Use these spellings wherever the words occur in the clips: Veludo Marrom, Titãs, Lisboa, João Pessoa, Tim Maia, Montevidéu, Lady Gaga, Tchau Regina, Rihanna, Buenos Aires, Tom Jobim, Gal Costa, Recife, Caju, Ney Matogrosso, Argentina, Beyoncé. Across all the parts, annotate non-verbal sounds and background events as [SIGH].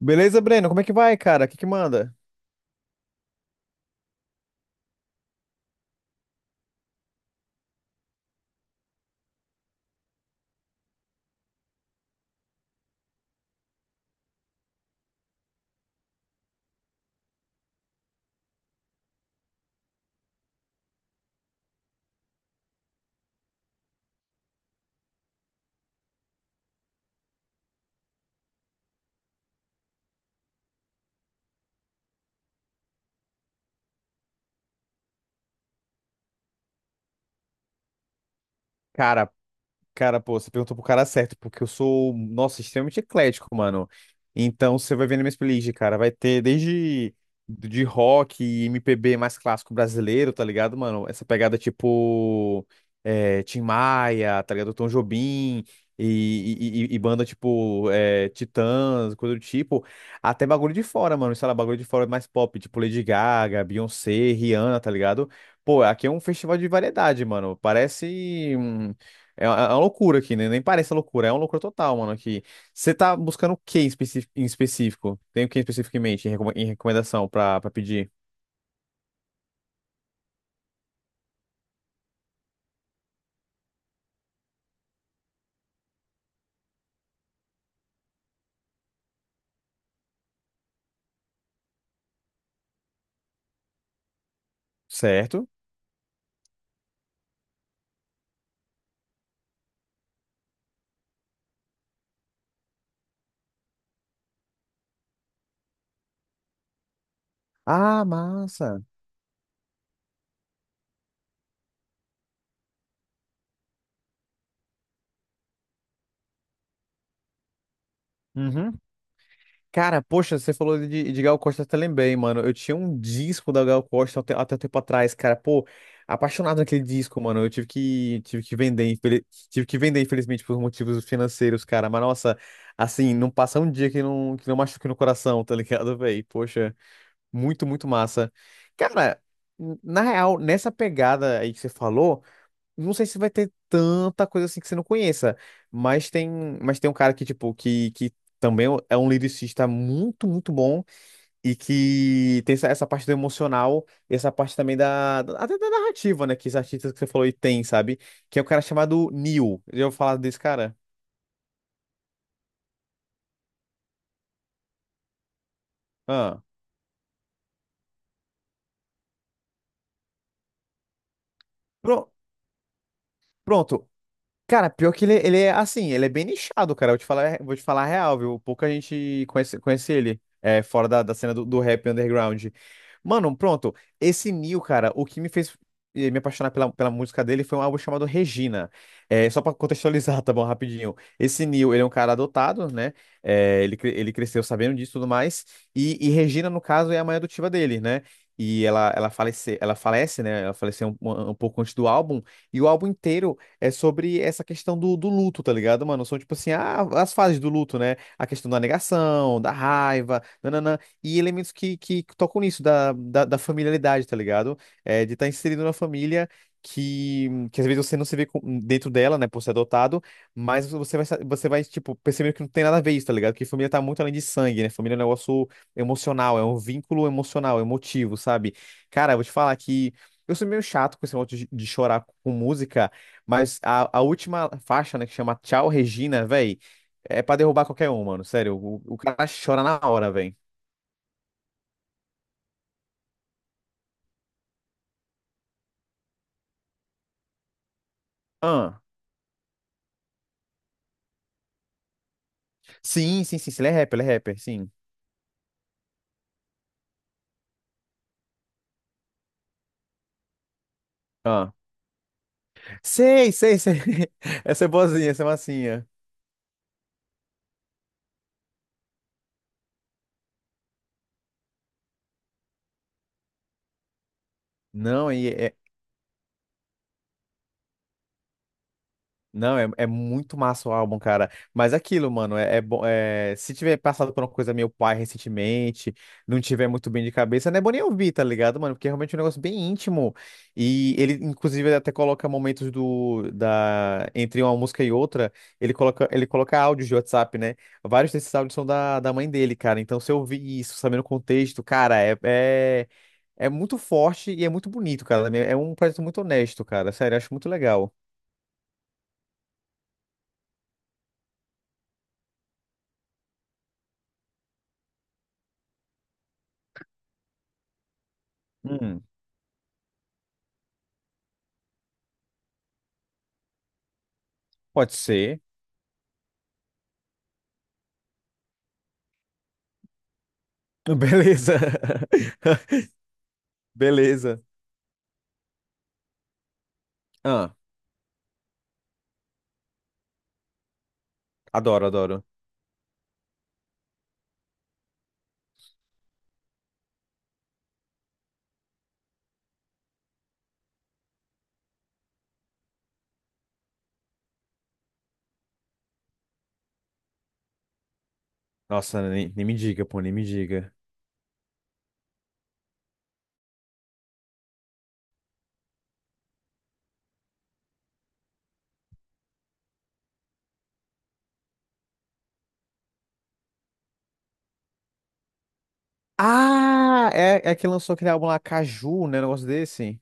Beleza, Breno? Como é que vai, cara? O que manda? Cara, Cara, pô, você perguntou pro cara certo, porque eu sou, nossa, extremamente eclético, mano. Então, você vai ver na minha playlist, cara, vai ter desde de rock e MPB mais clássico brasileiro, tá ligado, mano? Essa pegada tipo Tim Maia, tá ligado? Tom Jobim e banda tipo Titãs, coisa do tipo. Até bagulho de fora, mano, sei lá, bagulho de fora é mais pop, tipo Lady Gaga, Beyoncé, Rihanna, tá ligado? Pô, aqui é um festival de variedade, mano. Parece. É uma loucura aqui, né? Nem parece loucura, é uma loucura total, mano, aqui. Você tá buscando o que em específico? Tem o que especificamente em recomendação pra pedir? Certo? Ah, massa. Uhum. Cara, poxa, você falou de Gal Costa, eu até lembrei, mano. Eu tinha um disco da Gal Costa até um tempo atrás, cara. Pô, apaixonado naquele disco, mano. Tive que vender, tive que vender, infelizmente, por motivos financeiros, cara. Mas, nossa, assim, não passa um dia que não machuque no coração, tá ligado, velho? Poxa. Muito, muito massa. Cara, na real, nessa pegada aí que você falou, não sei se vai ter tanta coisa assim que você não conheça, mas tem, mas tem um cara que também é um lyricista muito, muito bom e que tem essa parte do emocional e essa parte também até da narrativa, né, que os artistas que você falou aí tem, sabe? Que é o cara chamado Neil. Eu vou falar desse cara. Ah. Pro- Pronto. Cara, pior que ele é assim, ele é bem nichado, cara. Eu vou te falar a real, viu? Pouca gente conhece ele, é, fora da cena do rap underground. Mano, pronto. Esse Nil, cara, o que me fez me apaixonar pela música dele foi um álbum chamado Regina. É, só pra contextualizar, [LAUGHS] tá bom, rapidinho. Esse Nil, ele é um cara adotado, né? É, ele cresceu sabendo disso e tudo mais. E Regina, no caso, é a mãe adotiva dele, né? E ela falece, né? Ela faleceu um pouco antes do álbum. E o álbum inteiro é sobre essa questão do luto, tá ligado, mano? São tipo assim, ah, as fases do luto, né? A questão da negação, da raiva, nananã, e elementos que tocam nisso, da familiaridade, tá ligado? É, de estar inserido na família. Que às vezes você não se vê dentro dela, né, por ser adotado, mas você vai, tipo, percebendo que não tem nada a ver isso, tá ligado? Que família tá muito além de sangue, né? Família é um negócio emocional, é um vínculo emocional, emotivo, sabe? Cara, eu vou te falar que eu sou meio chato com esse negócio de chorar com música, mas a última faixa, né, que chama Tchau Regina, véi, é pra derrubar qualquer um, mano. Sério, o cara chora na hora, véi. Ah, sim, sim, sim, sim, ele é rapper, sim. Ah, sei, sei, sei. [LAUGHS] Essa é boazinha, essa é massinha. Não, e é, Não, é, é muito massa o álbum, cara. Mas é aquilo, mano, é, é bom. É, se tiver passado por uma coisa meio pai recentemente, não tiver muito bem de cabeça, não é bom nem ouvir, tá ligado, mano? Porque é realmente um negócio bem íntimo. E ele, inclusive, ele até coloca momentos entre uma música e outra, ele coloca áudios de WhatsApp, né? Vários desses áudios são da mãe dele, cara. Então, se eu ouvir isso, sabendo o contexto, cara, é muito forte e é muito bonito, cara. É um projeto muito honesto, cara. Sério, eu acho muito legal. Hum, pode ser. Beleza. [LAUGHS] Beleza. Ah, adoro, adoro. Nossa, nem, nem me diga, pô, nem me diga. Ah, é, é que lançou aquele álbum lá, Caju, né? Um negócio desse.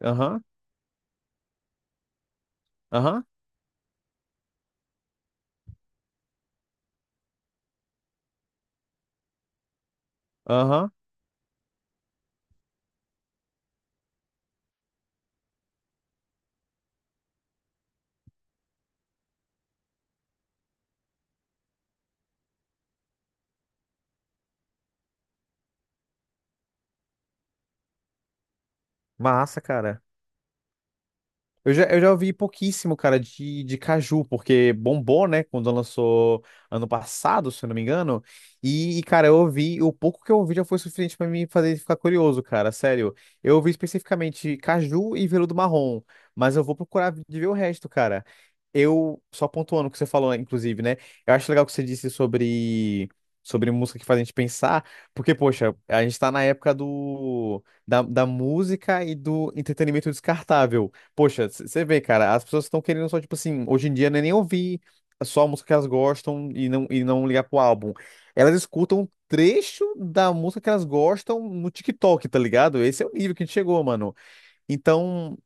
Aham, aham, aham. Massa, cara. Eu já ouvi pouquíssimo, cara, de Caju, porque bombou, né, quando lançou ano passado, se eu não me engano. Cara, eu ouvi, o pouco que eu ouvi já foi suficiente pra me fazer ficar curioso, cara, sério. Eu ouvi especificamente Caju e Veludo Marrom, mas eu vou procurar de ver o resto, cara. Eu, só pontuando o que você falou, né, inclusive, né, eu acho legal o que você disse sobre, sobre música que faz a gente pensar, porque, poxa, a gente tá na época da música e do entretenimento descartável. Poxa, você vê, cara, as pessoas estão querendo só, tipo assim, hoje em dia não é nem ouvir só a música que elas gostam e não ligar pro álbum. Elas escutam um trecho da música que elas gostam no TikTok, tá ligado? Esse é o nível que a gente chegou, mano. Então,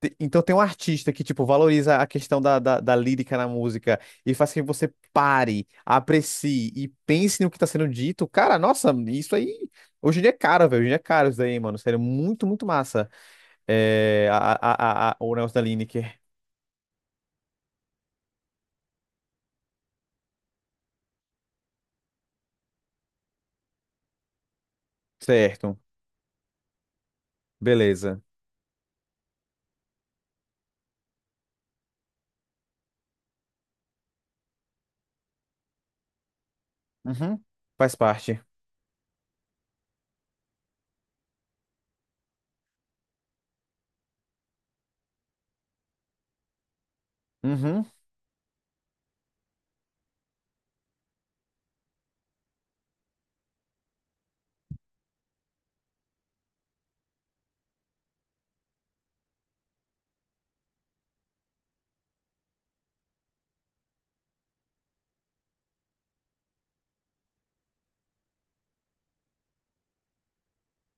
então tem um artista que, tipo, valoriza a questão da lírica na música e faz com que você pare, aprecie e pense no que tá sendo dito. Cara, nossa, isso aí, hoje em dia é caro, velho. Hoje em dia é caro isso daí, mano. Sério, muito, muito massa. É, o negócio da Lineker. Certo. Beleza. Uhum. Faz parte. Uhum.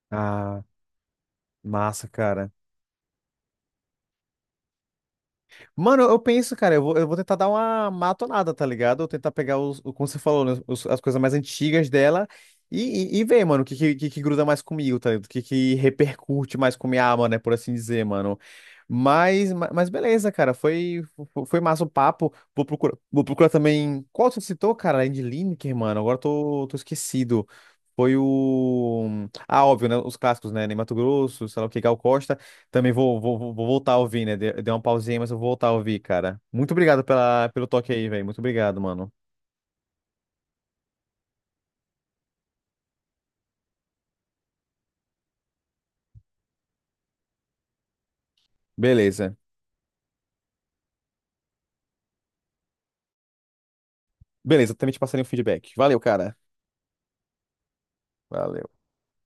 Ah, massa, cara. Mano, eu penso, cara, eu vou tentar dar uma matonada, tá ligado? Eu tentar pegar como você falou, né, as coisas mais antigas dela e ver, mano, o que que gruda mais comigo, tá ligado? Que repercute mais com minha alma, né? Por assim dizer, mano. Mas beleza, cara, foi massa o papo. Vou procurar também. Qual você citou, cara? Além de Lineker, mano, agora tô esquecido. Foi o. Ah, óbvio, né? Os clássicos, né? Ney Matogrosso, sei lá o que, Gal Costa. Também vou vou voltar a ouvir, né? Dei uma pausinha, mas eu vou voltar a ouvir, cara. Muito obrigado pelo toque aí, velho. Muito obrigado, mano. Beleza. Beleza, também te passarei um feedback. Valeu, cara. Valeu.